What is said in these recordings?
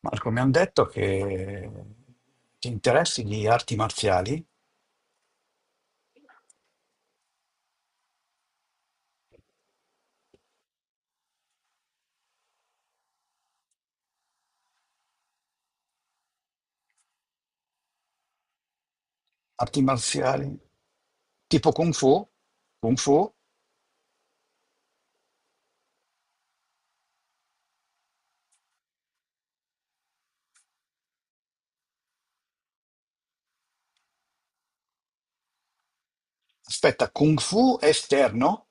Marco, mi hanno detto che ti interessi di arti marziali tipo Kung Fu, Kung Fu, aspetta, Kung Fu esterno,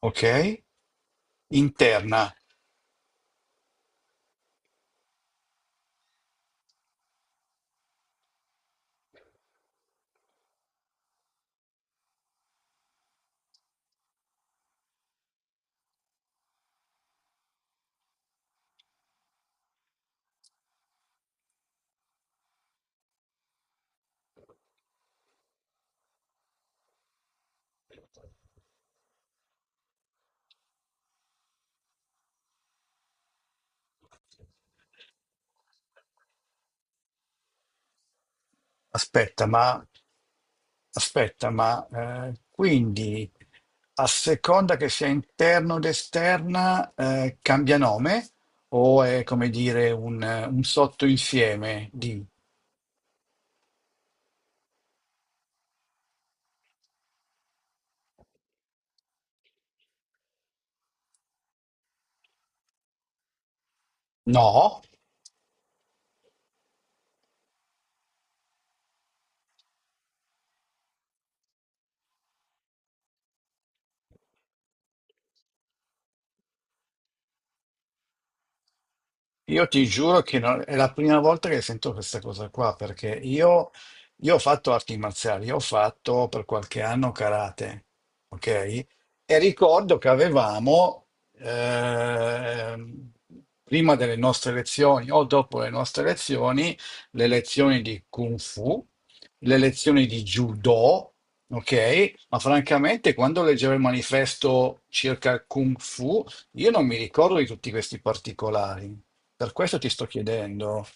ok? Interna, aspetta, ma, aspetta, ma, quindi a seconda che sia interno ed esterna, cambia nome o è come dire un sottoinsieme di... No? Io ti giuro che è la prima volta che sento questa cosa qua, perché io ho fatto arti marziali, ho fatto per qualche anno karate, ok? E ricordo che avevamo, ehm, prima delle nostre lezioni o dopo le nostre lezioni, le lezioni di Kung Fu, le lezioni di Judo, ok? Ma francamente, quando leggevo il manifesto circa il Kung Fu, io non mi ricordo di tutti questi particolari. Per questo ti sto chiedendo.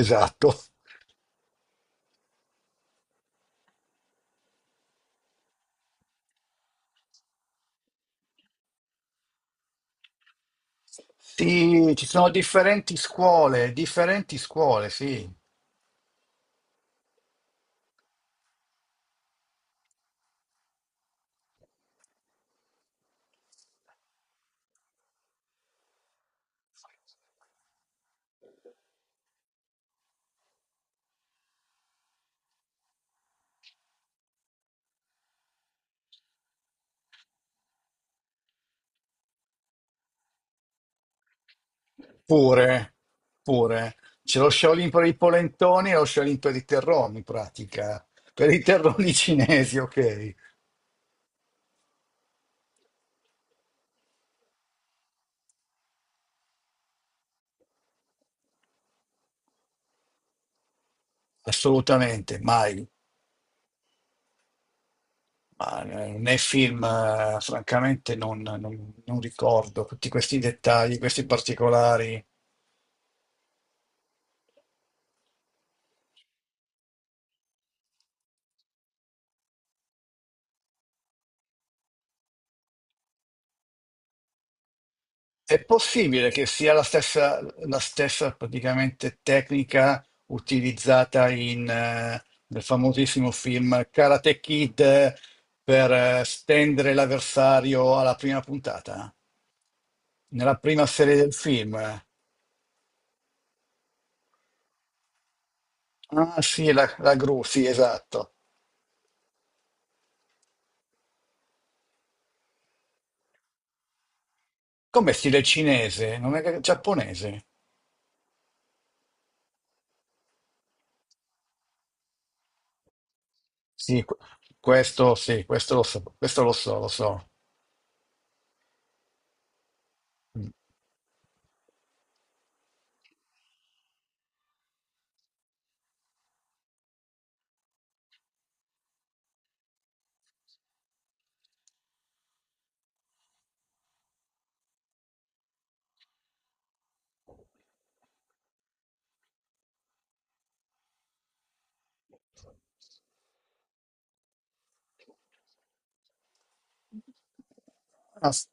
Esatto. Sì, ci sono differenti scuole, sì. Pure, pure. C'è lo Shaolin per i polentoni e lo Shaolin per i terroni, in pratica. Per i terroni cinesi, ok. Assolutamente, mai. Ma nei film, francamente, non ricordo tutti questi dettagli, questi particolari. È possibile che sia la stessa praticamente tecnica utilizzata in, nel famosissimo film Karate Kid per stendere l'avversario alla prima puntata, nella prima serie del film. Ah sì, la, la gru, sì, esatto. Come stile cinese, non è che- giapponese. Sì, questo sì, questo lo so, lo so. Mm. As-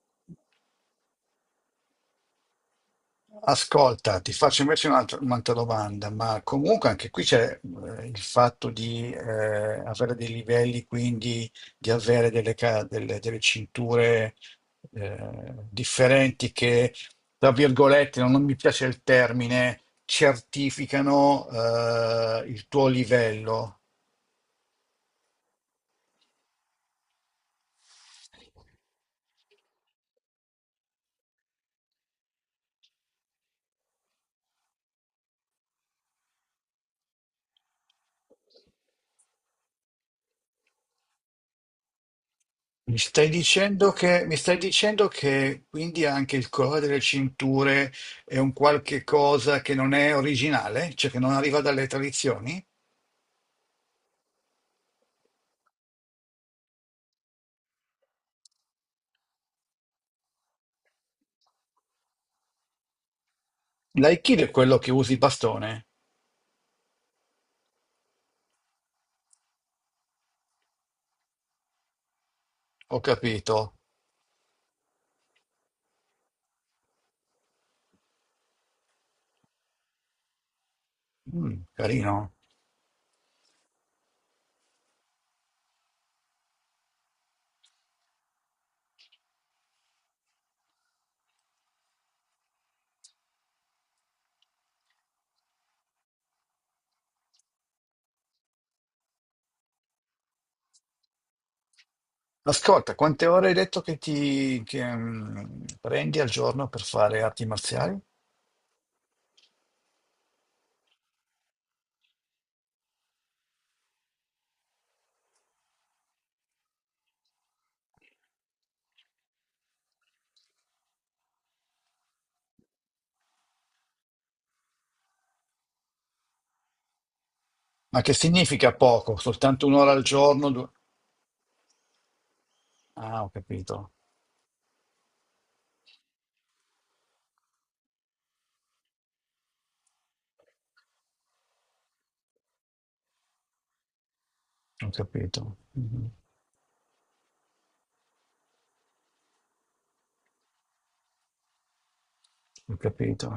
Ascolta, ti faccio invece un'altra domanda, ma comunque anche qui c'è il fatto di avere dei livelli, quindi di avere delle, delle cinture differenti che, tra virgolette, non mi piace il termine, certificano il tuo livello. Mi stai dicendo che quindi anche il colore delle cinture è un qualche cosa che non è originale, cioè che non arriva dalle tradizioni? L'aikido è quello che usi il bastone, ho capito. Mm, carino. Ascolta, quante ore hai detto che prendi al giorno per fare arti marziali? Ma che significa poco? Soltanto un'ora al giorno? Due- Ah, ho capito, mhm, ho capito.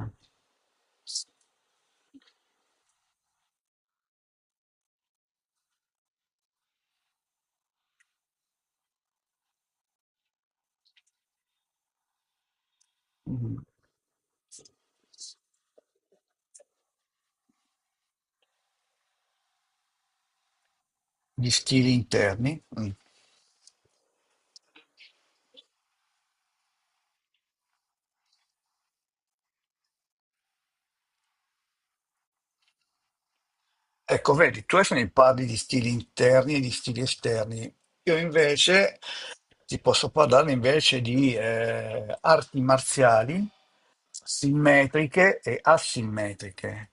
Mhm. Gli stili interni? Mm. Ecco, vedi, tu adesso mi parli di stili interni e di stili esterni. Io invece ti posso parlare invece di arti marziali simmetriche e asimmetriche.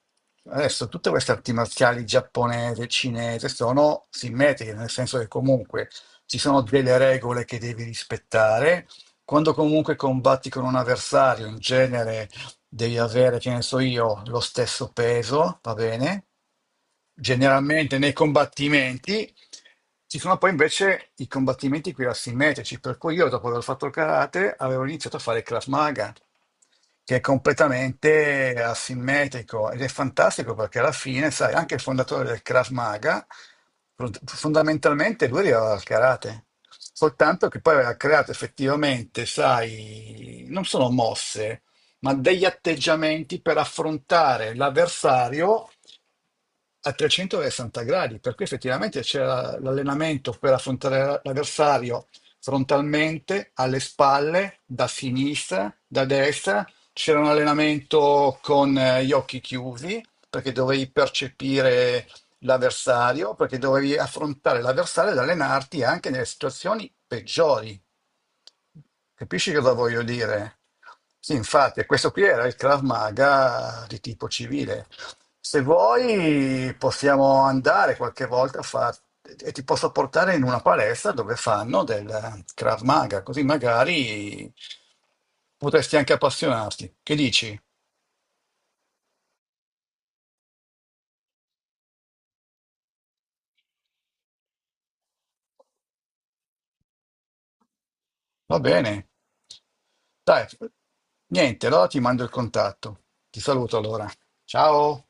Adesso tutte queste arti marziali giapponese, cinese sono simmetriche, nel senso che comunque ci sono delle regole che devi rispettare. Quando comunque combatti con un avversario, in genere devi avere, che ne so io, lo stesso peso, va bene? Generalmente nei combattimenti ci sono poi invece i combattimenti qui asimmetrici, per cui io dopo aver fatto il karate avevo iniziato a fare il Krav Maga, che è completamente asimmetrico ed è fantastico perché alla fine, sai, anche il fondatore del Krav Maga, fondamentalmente lui arrivava al karate. Soltanto che poi aveva creato effettivamente, sai, non sono mosse, ma degli atteggiamenti per affrontare l'avversario a 360 gradi. Per cui effettivamente c'era l'allenamento per affrontare l'avversario frontalmente, alle spalle, da sinistra, da destra. C'era un allenamento con gli occhi chiusi, perché dovevi percepire l'avversario, perché dovevi affrontare l'avversario ed allenarti anche nelle situazioni peggiori. Capisci cosa voglio dire? Sì, infatti, questo qui era il Krav Maga di tipo civile. Se vuoi, possiamo andare qualche volta a fare e ti posso portare in una palestra dove fanno del Krav Maga, così magari potresti anche appassionarti. Che dici? Va bene. Dai, niente, allora ti mando il contatto. Ti saluto allora. Ciao.